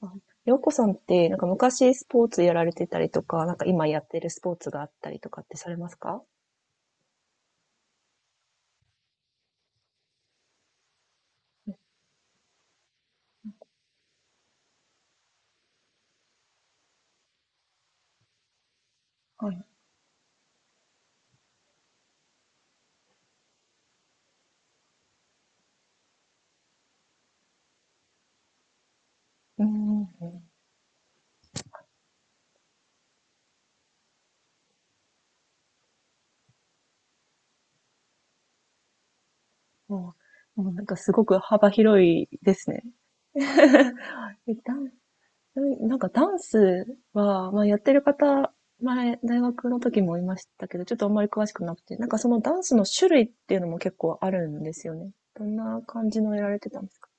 あ、洋子さんって、なんか昔スポーツやられてたりとか、なんか今やってるスポーツがあったりとかってされますか？はい。うん。ももうなんかすごく幅広いですね。えダンなんかダンスは、まあやってる方、前、大学の時もいましたけど、ちょっとあんまり詳しくなくて、なんかそのダンスの種類っていうのも結構あるんですよね。どんな感じのやられてたんですか？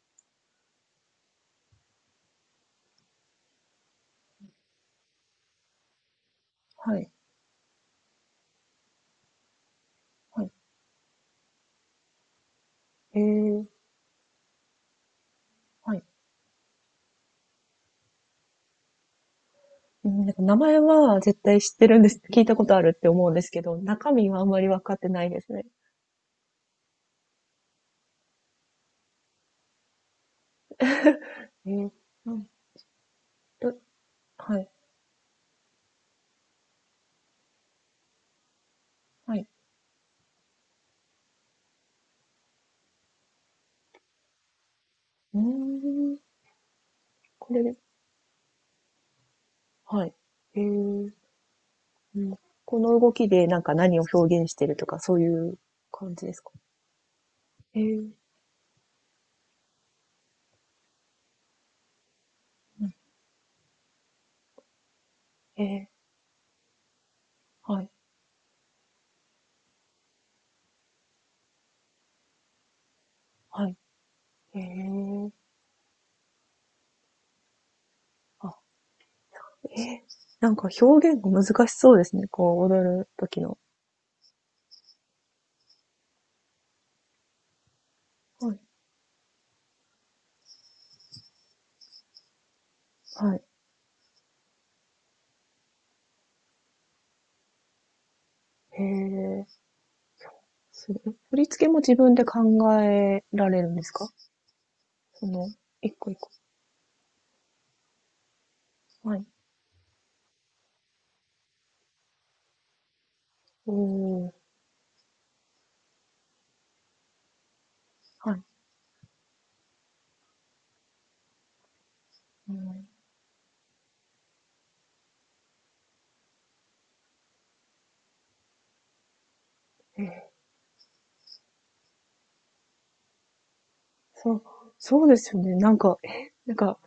はい。はい。ええ、はい。うん、なんか名前は絶対知ってるんです。聞いたことあるって思うんですけど、中身はあんまり分かってないですね。えーうん、とはい、はい。うーん、これはい、うん。この動きでなんか何を表現してるとか、そういう感じですか？うん、えはい、はい。あ、えーなんか表現が難しそうですね、こう踊る時の。はい、はい。へえ、すごい。振り付けも自分で考えられるんですか？その、一個一個はい。おお。はい。うん。え、そう、そうですよね。なんか、なんか、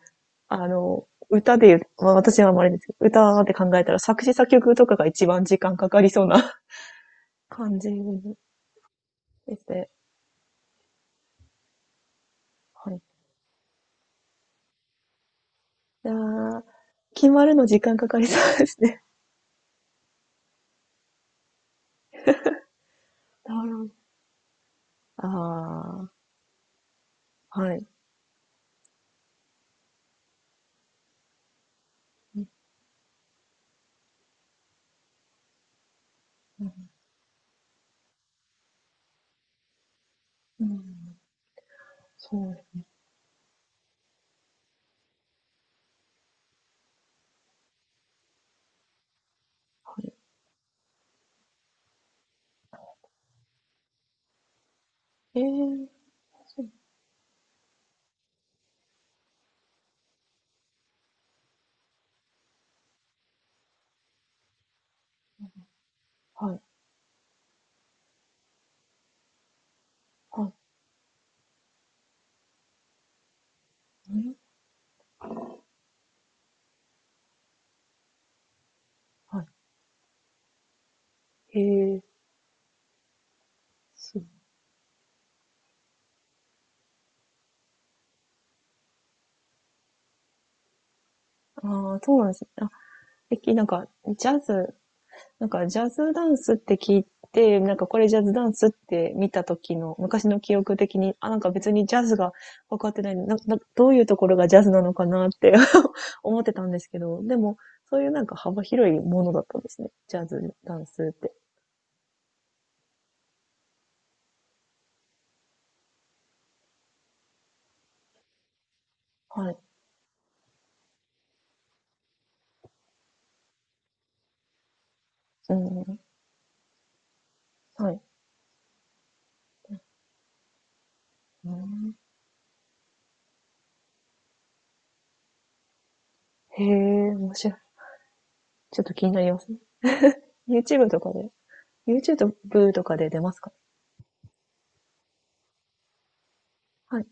あの、歌で言う、まあ、私はあんまりですけど、歌って考えたら作詞作曲とかが一番時間かかりそうな 感じですね。はい。いやー、決まるの時間かかりそうですね。なるほど。ああ、はい。うん、うん。ーそう、はい。えーはい、はい、うん、はい。へそう。ああ、そうなんですね。あ、えきなんか、ジャズなんかジャズダンスって聞いて、なんかこれジャズダンスって見た時の昔の記憶的に、あ、なんか別にジャズが分かってないなな、どういうところがジャズなのかなって 思ってたんですけど、でもそういうなんか幅広いものだったんですね。ジャズダンスって。はい。うん。はい。うん、へえ、面白い。ちょっと気になりますね。YouTube とかで、YouTube とかで出ますか？はい。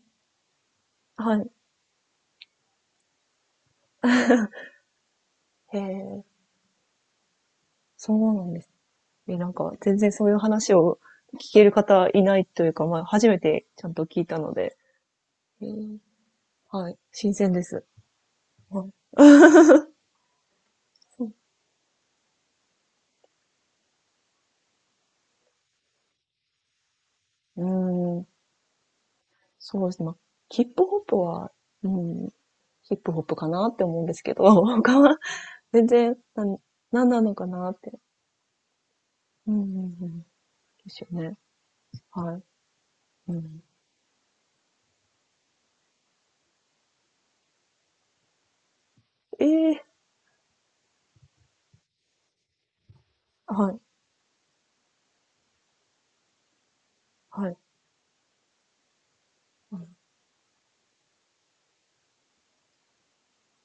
はい。へえ、そうなんですね。え、なんか、全然そういう話を聞ける方いないというか、まあ、初めてちゃんと聞いたので、えーはい、新鮮です。あ、そう。うーん、そうですね。まあ、ヒップホップは、うん、ヒップホップかなって思うんですけど、他は全然、なんなのかなって。うん、うん、うん。ですよね。はい。うん、ええ、はい、はい、はい、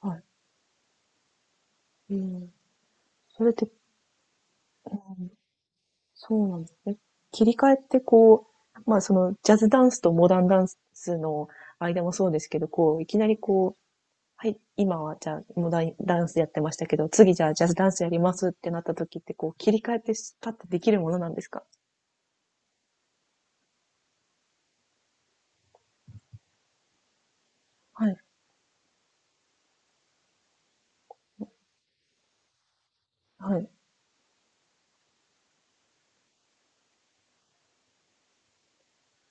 はい。うん、それって、うん、そうなんですね。切り替えってこう、まあそのジャズダンスとモダンダンスの間もそうですけど、こう、いきなりこう、はい、今はじゃあモダンダンスやってましたけど、次じゃあジャズダンスやりますってなった時ってこう、切り替えってパッてできるものなんですか？はい、はい。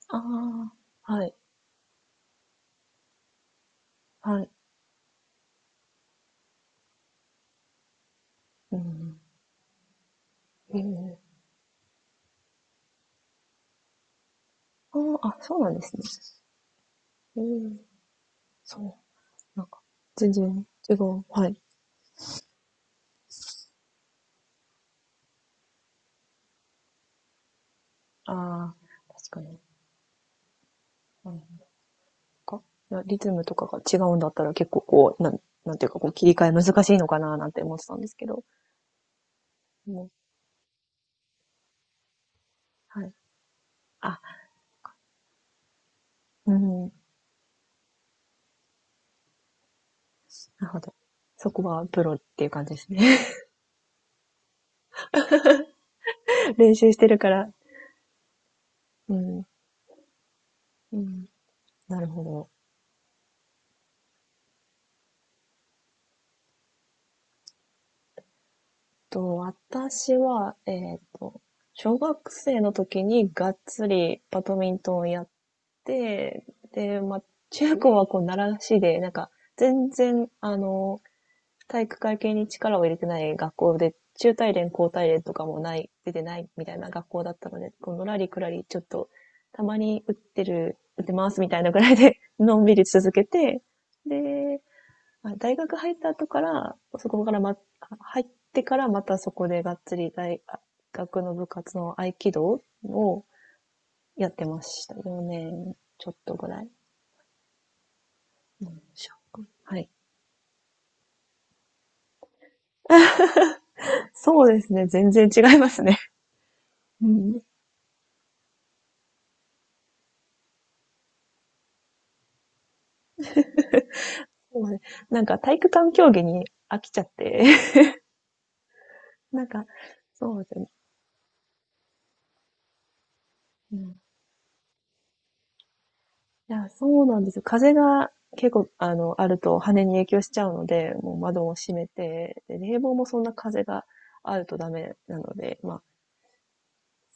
ああ、はい、はい。うん。ええ、ああ、そうなんですね。うん、そう。なんか、全然違う。はい。ああ、確かに。はい。か、リズムとかが違うんだったら結構こう、なんていうかこう切り替え難しいのかななんて思ってたんですけど、もう、はい。あ、うん、なるほど。そこはプロっていう感じですね。練習してるから。うん、うん、なるほど。私は、小学生の時にがっつりバドミントンをやって、で、まあ、中高はこう、習志で、なんか、全然、あの、体育会系に力を入れてない学校で、中体連、高体連とかもない、出てないみたいな学校だったので、こうのらりくらり、ちょっと、たまに打ってる、打ってますみたいなぐらいで、のんびり続けて、で、大学入った後から、そこからま、入ってからまたそこでがっつり大学の部活の合気道をやってました。4年ちょっとぐらい。はい。そうですね。全然違いますね。うん、そうなんなんか体育館競技に飽きちゃって、なんか、そうですね。うん。いや、そうなんですよ。風が結構、あの、あると羽に影響しちゃうので、もう窓を閉めて、で、冷房もそんな風があるとダメなので、まあ、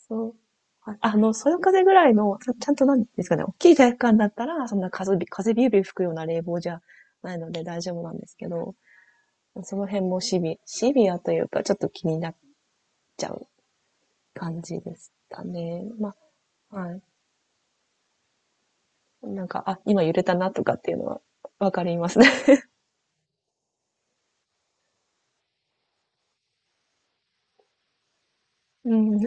そう、そよ風ぐらいの、ちゃんとなんですかね、大きい体育館だったら、そんな風ビュービュー吹くような冷房じゃないので大丈夫なんですけど、その辺もシビアというか、ちょっと気になっちゃう感じでしたね。まあ、はい。なんか、あ、今揺れたなとかっていうのはわかりますね。うん。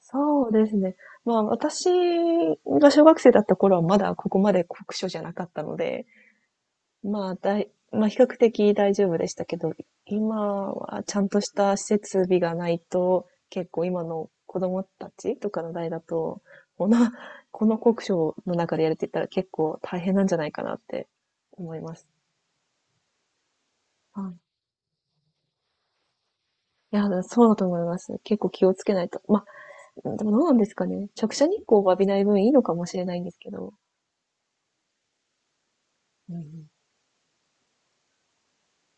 そうですね。まあ、私が小学生だった頃はまだここまで酷暑じゃなかったので、まあ、まあ、比較的大丈夫でしたけど、今はちゃんとした施設備がないと、結構今の子供たちとかの代だと、この、この酷暑の中でやるって言ったら結構大変なんじゃないかなって思います。はい。いや、そうだと思います。結構気をつけないと。まあ、うん、でもどうなんですかね。直射日光を浴びない分いいのかもしれないんですけど。うん、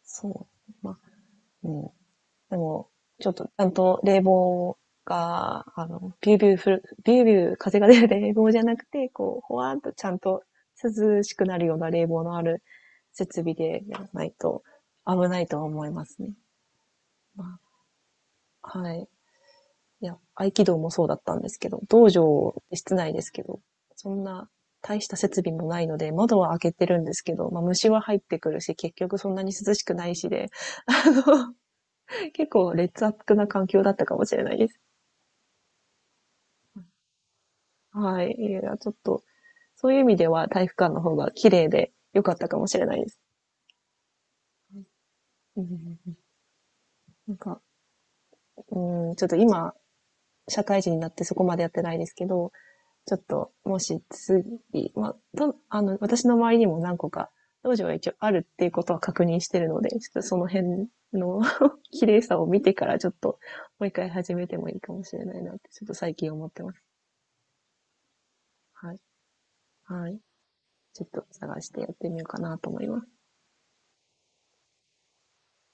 そう。まあ、うん。でも、ちょっとちゃんと冷房が、あの、ビュービュー風が出る冷房じゃなくて、こう、ほわーっとちゃんと涼しくなるような冷房のある設備でやらないと危ないとは思いますね。まあ、はい。いや、合気道もそうだったんですけど、道場って室内ですけど、そんな大した設備もないので、窓は開けてるんですけど、まあ虫は入ってくるし、結局そんなに涼しくないしで、結構劣悪な環境だったかもしれないです。はい。いや、ちょっと、そういう意味では体育館の方が綺麗で良かったかもしれないです。うん、なんか、うん、ちょっと今、社会人になってそこまでやってないですけど、ちょっと、もし次、まあ、たあの、私の周りにも何個か、道場は一応あるっていうことは確認してるので、ちょっとその辺の 綺麗さを見てからちょっと、もう一回始めてもいいかもしれないなって、ちょっと最近思ってます。はい。はい。ちょっと探してやってみようかなと思います。